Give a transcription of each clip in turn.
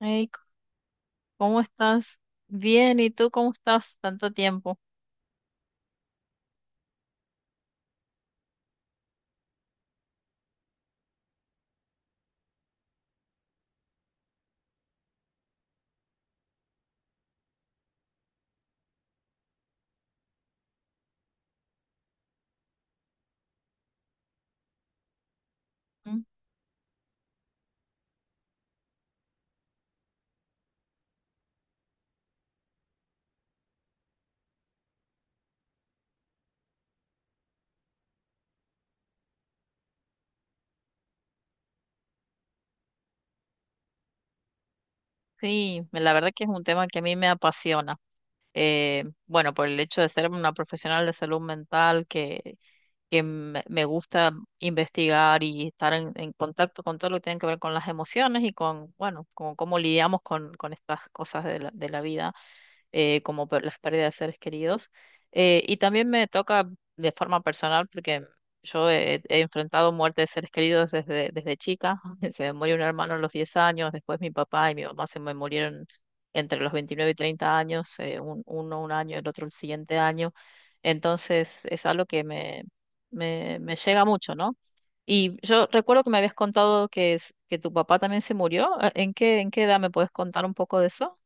Hey, ¿cómo estás? Bien, ¿y tú cómo estás? Tanto tiempo. Mm. Sí, la verdad que es un tema que a mí me apasiona. Bueno, por el hecho de ser una profesional de salud mental que me gusta investigar y estar en contacto con todo lo que tiene que ver con las emociones y bueno, con cómo lidiamos con estas cosas de la vida, como por las pérdidas de seres queridos. Y también me toca de forma personal porque yo he enfrentado muerte de seres queridos desde chica. Se me murió un hermano a los 10 años, después mi papá y mi mamá se me murieron entre los 29 y 30 años. Uno un año, el otro el siguiente año. Entonces es algo que me llega mucho, ¿no? Y yo recuerdo que me habías contado que tu papá también se murió. ¿En qué edad me puedes contar un poco de eso?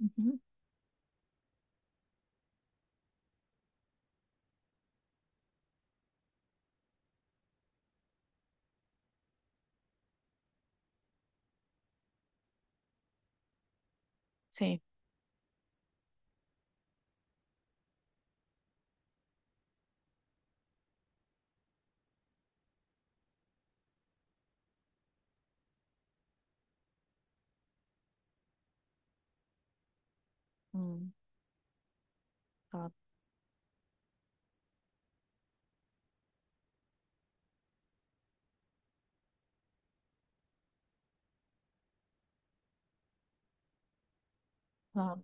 Ujú. Sí. Mm, ah, ah.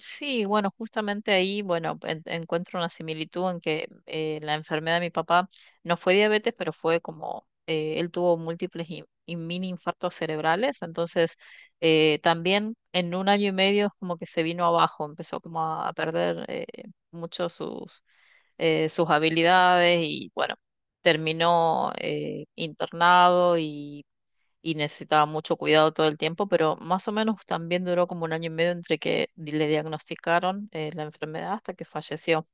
Sí, bueno, justamente ahí, bueno, encuentro una similitud en que la enfermedad de mi papá no fue diabetes, pero fue como, él tuvo múltiples y mini infartos cerebrales. Entonces, también en un año y medio es como que se vino abajo, empezó como a perder mucho sus habilidades y bueno, terminó internado y necesitaba mucho cuidado todo el tiempo, pero más o menos también duró como un año y medio entre que le diagnosticaron la enfermedad hasta que falleció.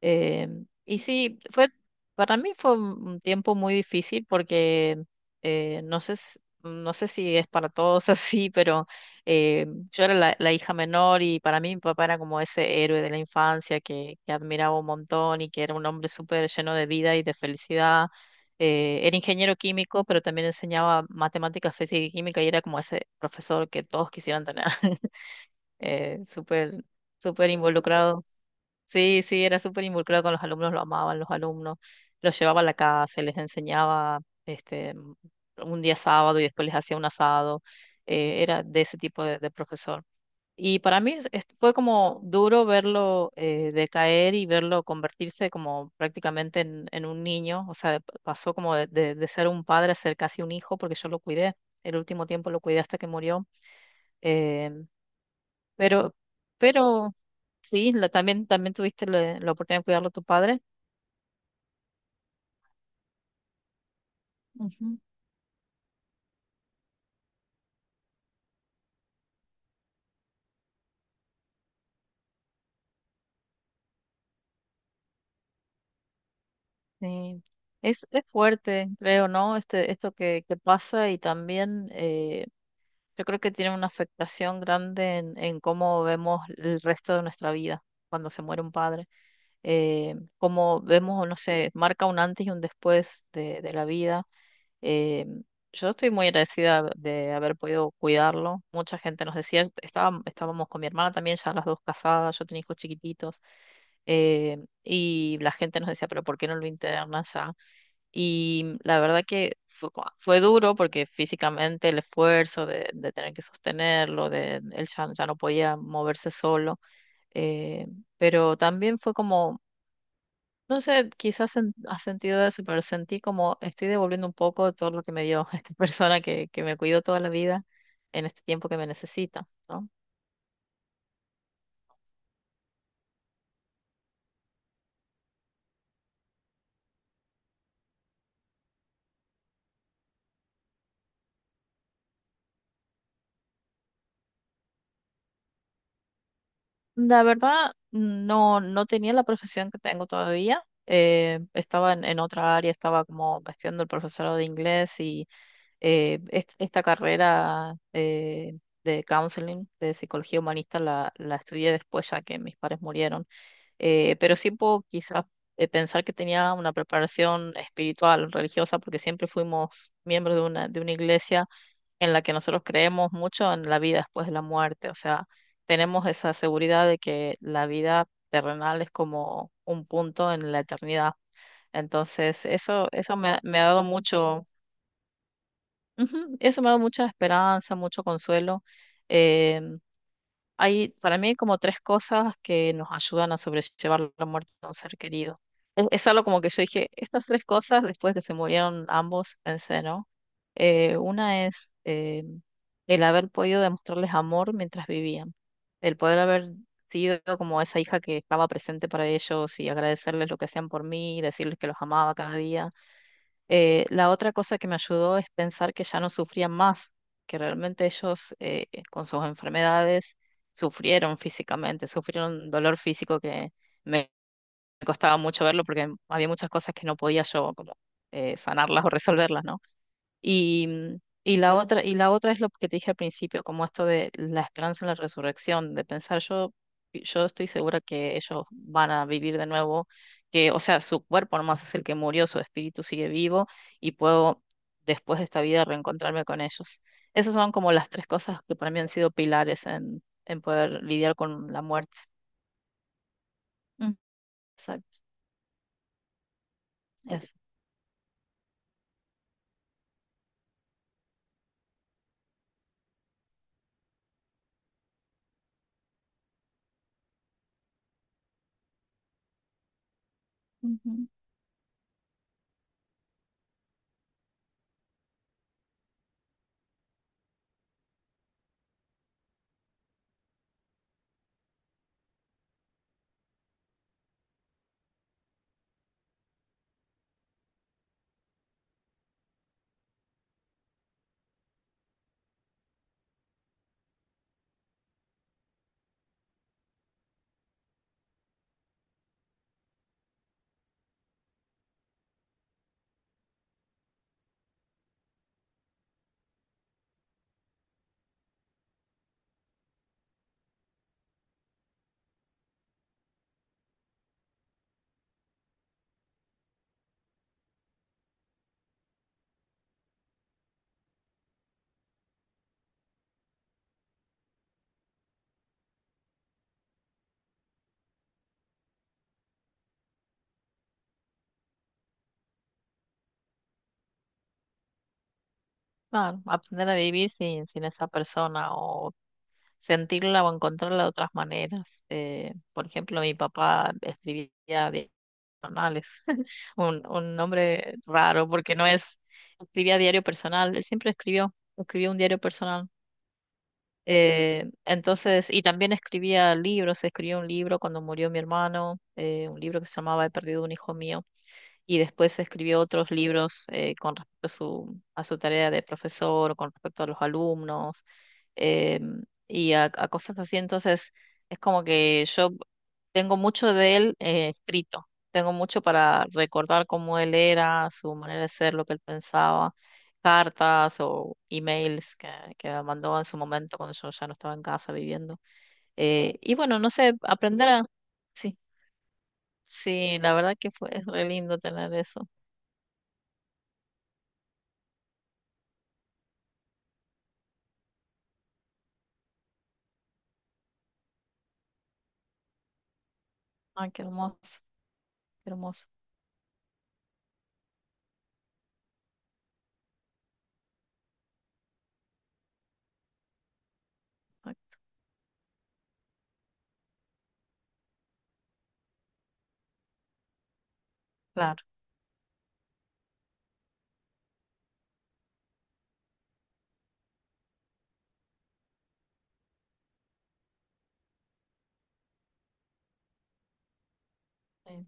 Eh, y sí, fue, para mí fue un tiempo muy difícil porque no sé, no sé si es para todos así, pero eh, yo era la hija menor y para mí mi papá era como ese héroe de la infancia que admiraba un montón y que era un hombre súper lleno de vida y de felicidad. Era ingeniero químico, pero también enseñaba matemáticas, física y química y era como ese profesor que todos quisieran tener, súper, súper involucrado. Sí, sí, era súper involucrado con los alumnos, lo amaban los alumnos, los llevaba a la casa, les enseñaba este, m- un día sábado y después les hacía un asado. Era de ese tipo de profesor. Y para mí fue como duro verlo decaer y verlo convertirse como prácticamente en un niño, o sea, pasó como de ser un padre a ser casi un hijo, porque yo lo cuidé, el último tiempo lo cuidé hasta que murió. eh, pero, pero sí, también tuviste la oportunidad de cuidarlo a tu padre. Ujú. Sí. Es fuerte, creo, ¿no? Esto que pasa. Y también yo creo que tiene una afectación grande en cómo vemos el resto de nuestra vida cuando se muere un padre. Cómo vemos, no sé, marca un antes y un después de la vida. Eh, yo estoy muy agradecida de haber podido cuidarlo. Mucha gente nos decía, estábamos con mi hermana también, ya las dos casadas, yo tenía hijos chiquititos, y la gente nos decía, pero ¿por qué no lo internas ya? Y la verdad que fue, fue duro porque físicamente el esfuerzo de tener que sostenerlo, de él ya, ya no podía moverse solo. eh, pero también fue como no sé, quizás has sentido eso, pero sentí como estoy devolviendo un poco de todo lo que me dio esta persona que me cuidó toda la vida en este tiempo que me necesita, ¿no? La verdad, no, no tenía la profesión que tengo todavía. Estaba en otra área, estaba como estudiando el profesorado de inglés y esta carrera de counseling, de psicología humanista, la estudié después ya que mis padres murieron. Pero sí puedo quizás pensar que tenía una preparación espiritual, religiosa, porque siempre fuimos miembros de una iglesia en la que nosotros creemos mucho en la vida después de la muerte, o sea, tenemos esa seguridad de que la vida terrenal es como un punto en la eternidad. Entonces, eso me ha dado mucho, ujú, eso me ha dado mucha esperanza, mucho consuelo. eh, hay para mí como tres cosas que nos ayudan a sobrellevar la muerte de un ser querido. Es algo como que yo dije, estas tres cosas, después que se murieron ambos, pensé, ¿no? Una es el haber podido demostrarles amor mientras vivían, el poder haber sido como esa hija que estaba presente para ellos y agradecerles lo que hacían por mí, decirles que los amaba cada día. La otra cosa que me ayudó es pensar que ya no sufrían más, que realmente ellos con sus enfermedades sufrieron físicamente, sufrieron dolor físico que me costaba mucho verlo porque había muchas cosas que no podía yo como sanarlas o resolverlas, ¿no? Y, mm, y la otra es lo que te dije al principio, como esto de la esperanza en la resurrección, de pensar yo, estoy segura que ellos van a vivir de nuevo, que, o sea, su cuerpo nomás es el que murió, su espíritu sigue vivo y puedo después de esta vida reencontrarme con ellos. Esas son como las tres cosas que para mí han sido pilares en poder lidiar con la muerte. Mm. Exacto. Eso. Ujú. Claro, aprender a vivir sin esa persona o sentirla o encontrarla de otras maneras. Por ejemplo, mi papá escribía diarios personales, un nombre raro porque no es, escribía diario personal, él siempre escribió un diario personal. Entonces, y también escribía libros, escribió un libro cuando murió mi hermano, un libro que se llamaba "He perdido un hijo mío", y después escribió otros libros con respecto a a su tarea de profesor, con respecto a los alumnos, y a cosas así. Entonces, es como que yo tengo mucho de él escrito, tengo mucho para recordar cómo él era, su manera de ser, lo que él pensaba, cartas o emails que me mandó en su momento cuando yo ya no estaba en casa viviendo. Y bueno, no sé, aprender a... Sí, sí, la verdad que fue, es re lindo tener eso. Ay, qué hermoso, qué hermoso. Ay, claro, sí,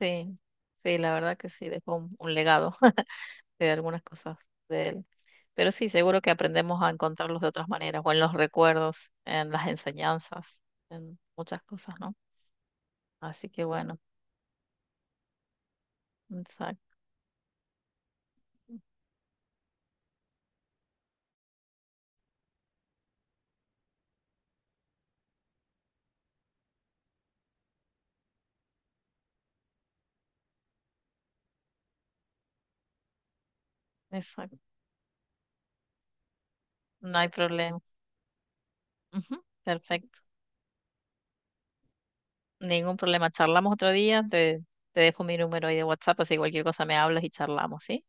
sí, sí, la verdad que sí, dejó un legado de algunas cosas de él. Pero sí, seguro que aprendemos a encontrarlos de otras maneras, o en los recuerdos, en las enseñanzas, en muchas cosas, ¿no? Así que bueno, exacto, exacto, no hay problema. Ujú, perfecto, ningún problema. Charlamos otro día, te dejo mi número ahí de WhatsApp, así cualquier cosa me hablas y charlamos, ¿sí?